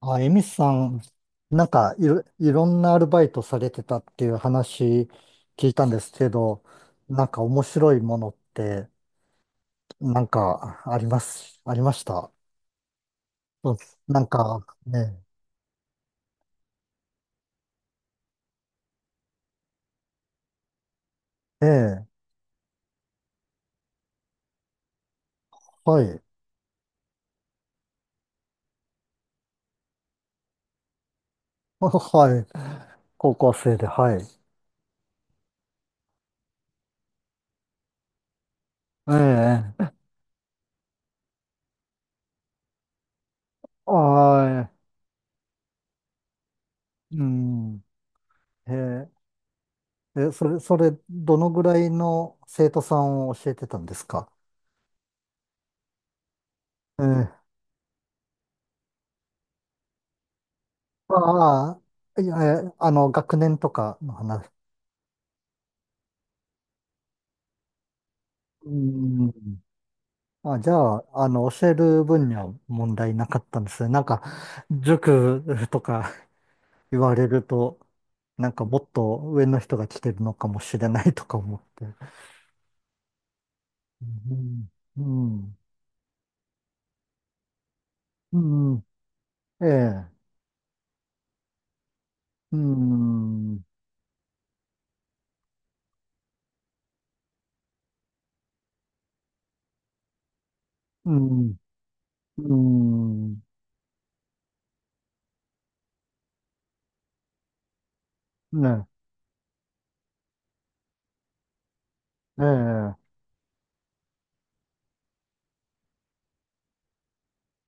あ、エミスさん、なんかいろんなアルバイトされてたっていう話聞いたんですけど、なんか面白いものって、なんかあります、ありました？そうですなんかね。ええ。はい。はい。高校生で、はい。ええ。はい。うん。ええ。え、それ、どのぐらいの生徒さんを教えてたんですか？ええ。ああ、いや、えあの、学年とかの話？うん。あ、じゃあ、教える分には問題なかったんですね。なんか、塾とか 言われると、なんかもっと上の人が来てるのかもしれないとか思って。うん。うん。うん。ええ。うん。うん。うん。ね。ええ。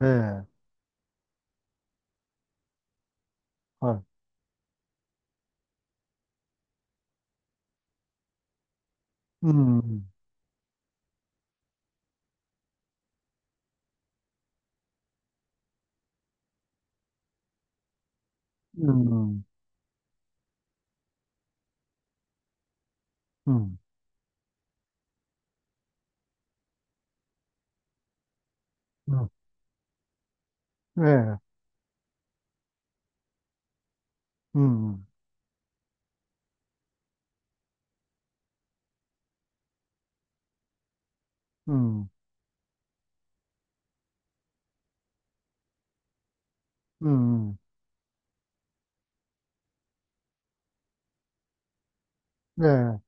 ええ。はい。うん。うん。うん。うん。ええ。うん。うん。うん。ええ。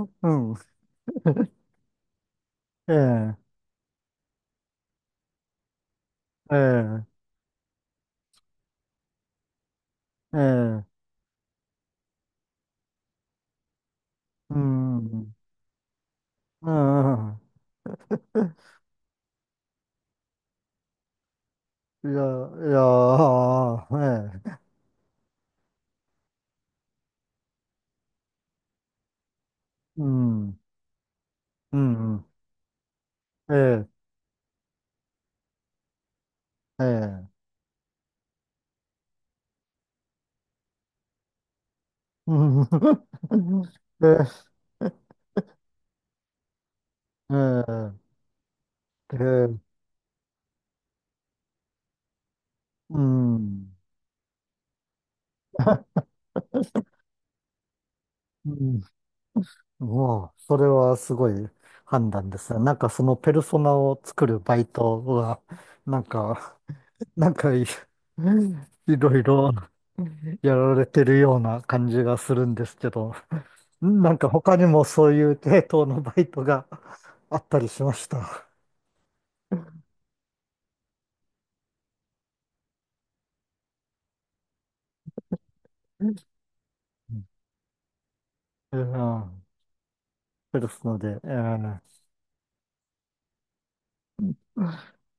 うん。ええ、ええ、ええ、うん、うん。いや、いや、ええ、うん、うん、ええ、ええ、うん、ええ、ええ、ええ、うん。うん、もう、それはすごい判断ですね。なんかそのペルソナを作るバイトは、なんか、なんかいいいろいろ やられてるような感じがするんですけど、なんか他にもそういう系統のバイトが あったりしました？うん。うんそうですので、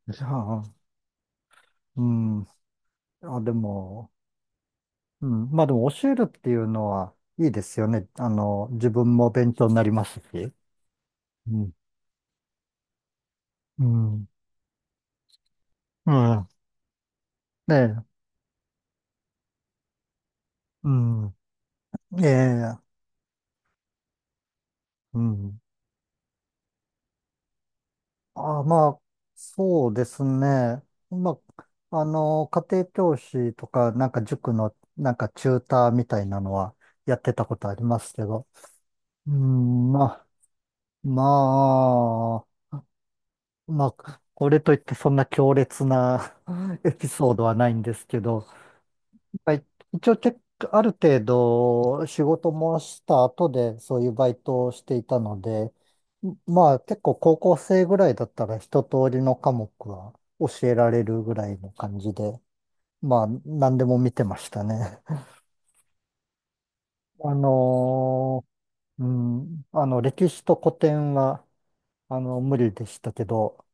じゃあ、うん。あ、でも、うん。まあでも教えるっていうのはいいですよね。あの、自分も勉強になりますし。うん。うん。うん。ねえ。うん。ええ。うん。ああ、まあ、そうですね。まあ、家庭教師とか、なんか塾の、なんかチューターみたいなのはやってたことありますけど。うん、まあ、まこれといってそんな強烈な エピソードはないんですけど、はい、一応結構、ある程度仕事もした後でそういうバイトをしていたので、まあ結構高校生ぐらいだったら一通りの科目は教えられるぐらいの感じで、まあ何でも見てましたね。あのうん、歴史と古典は無理でしたけど、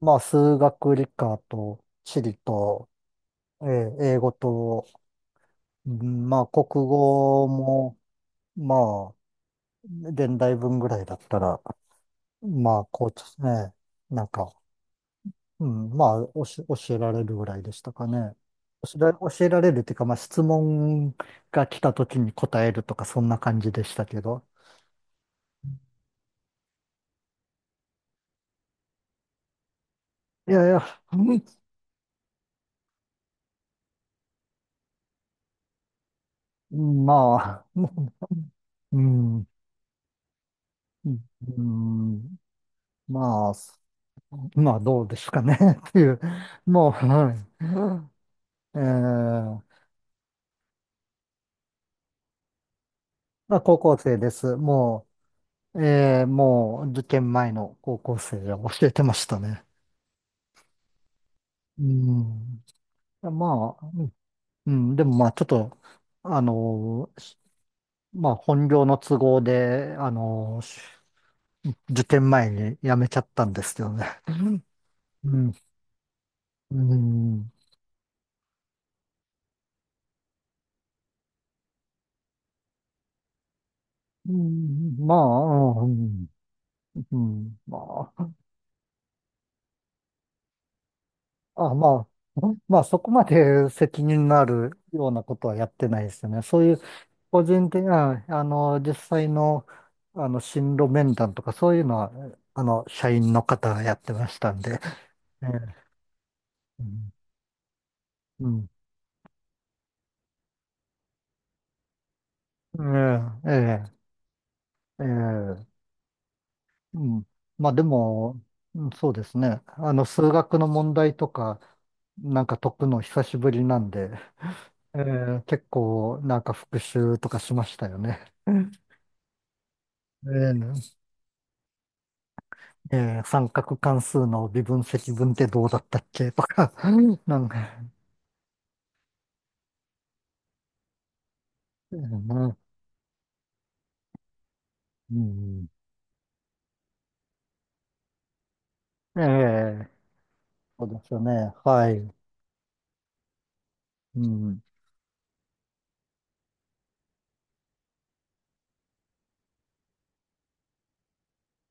まあ数学理科と地理と、英語と、うん、まあ国語も、まあ現代文ぐらいだったら、まあ、こうですね、なんか、うん、まあ、教えられるぐらいでしたかね。教えられるっていうか、まあ、質問が来た時に答えるとか、そんな感じでしたけど。いやいや、うんまあ、うん、うん、まあ、まあ、どうですかね っていう、もう、はい。えーまあ、高校生です。もう、ええもう受験前の高校生が教えてましたね。うん。まあ、うん、でもまあちょっと、あのー、しまあ本業の都合で、受験前に辞めちゃったんですけどね。うん。うん。うんうんまあ、うん。うんまあ、あ、ままあそこまで責任のあるようなことはやってないですよね。そういう個人的な、実際の、進路面談とか、そういうのは、社員の方がやってましたんで、ええ、うん、うんええ、ええ、ええうん。まあでも、うんそうですね。数学の問題とか、なんか解くの久しぶりなんで、ええ、結構、なんか復習とかしましたよね。うんええ、ええ三角関数の微分積分ってどうだったっけとか、なんか、ええうん。ええ、そうですよね。はい。うん。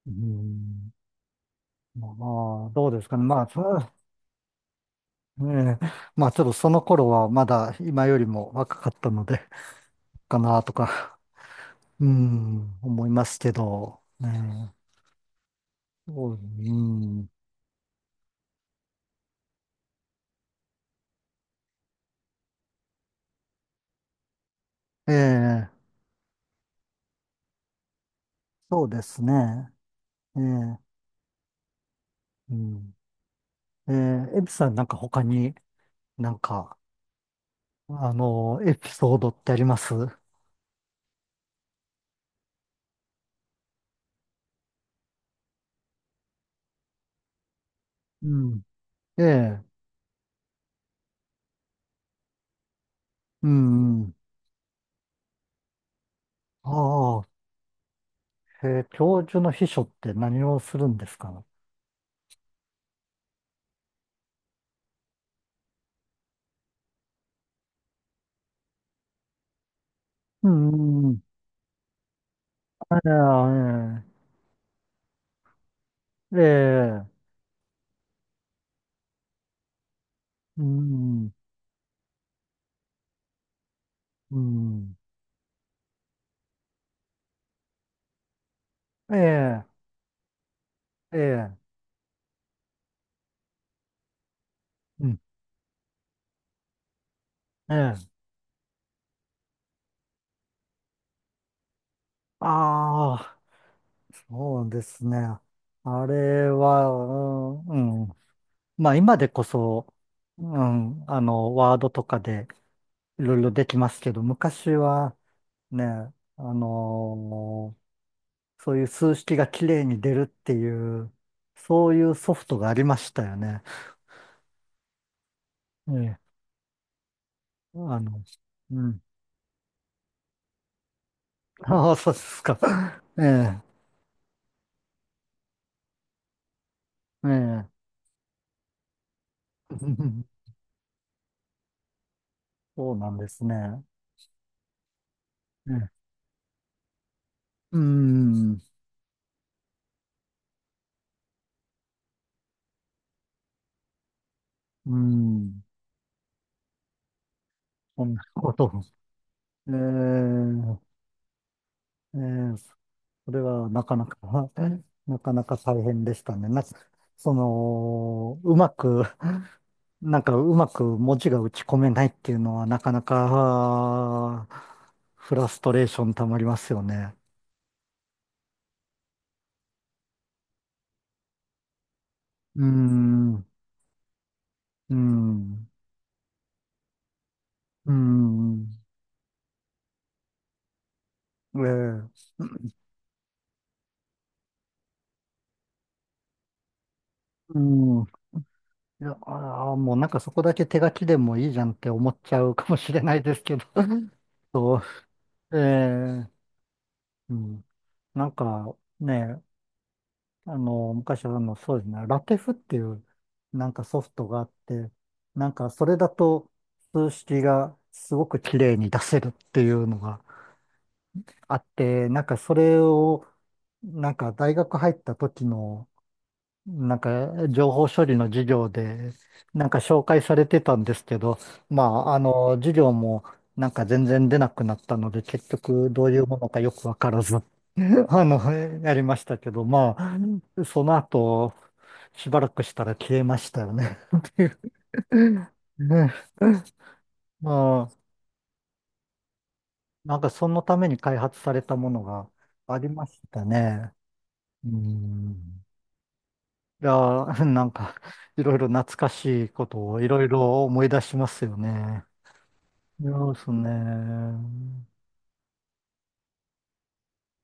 うん。まあ、どうですかね。まあ、ええ、まあ、ちょっとその頃はまだ今よりも若かったので、かなとか、うん、思いますけど、ねえ、そう、うん。ええ、そうですね。ええ、うん。ええ、エビさんなんか他になんか、エピソードってあります？うん。ええ、うん。ああ。へえ、教授の秘書って何をするんですか？うん。ええええうん、うん、ええええうん、ええああ、そうですね。あれは、うん、うんまあ今でこそ、うん、ワードとかでいろいろできますけど、昔はね、あのそういう数式がきれいに出るっていう、そういうソフトがありましたよね。ええ、あの、うん。ああ、そうですか。ええ、ええ。そうなんですね。ええ、うーん、うーん。そんなこと。ええ、ええそれはなかなか なかなか大変でしたね。なんか、その、うまく、なんかうまく文字が打ち込めないっていうのはなかなか、あーフラストレーションたまりますよね。うーん、うーん、うーん、ええ、うん。いや、もうなんかそこだけ手書きでもいいじゃんって思っちゃうかもしれないですけど。そう、ええ、うん。なんかね、昔はそうですね、ラテフっていうなんかソフトがあって、なんかそれだと数式がすごく綺麗に出せるっていうのがあって、なんかそれをなんか大学入った時のなんか情報処理の授業でなんか紹介されてたんですけど、まあ授業もなんか全然出なくなったので結局どういうものかよくわからずあの、やりましたけど、まあ、その後、しばらくしたら消えましたよね。っていうね。まあ、なんかそのために開発されたものがありましたね。うん。いやー、なんか、いろいろ懐かしいことをいろいろ思い出しますよね。そうですね。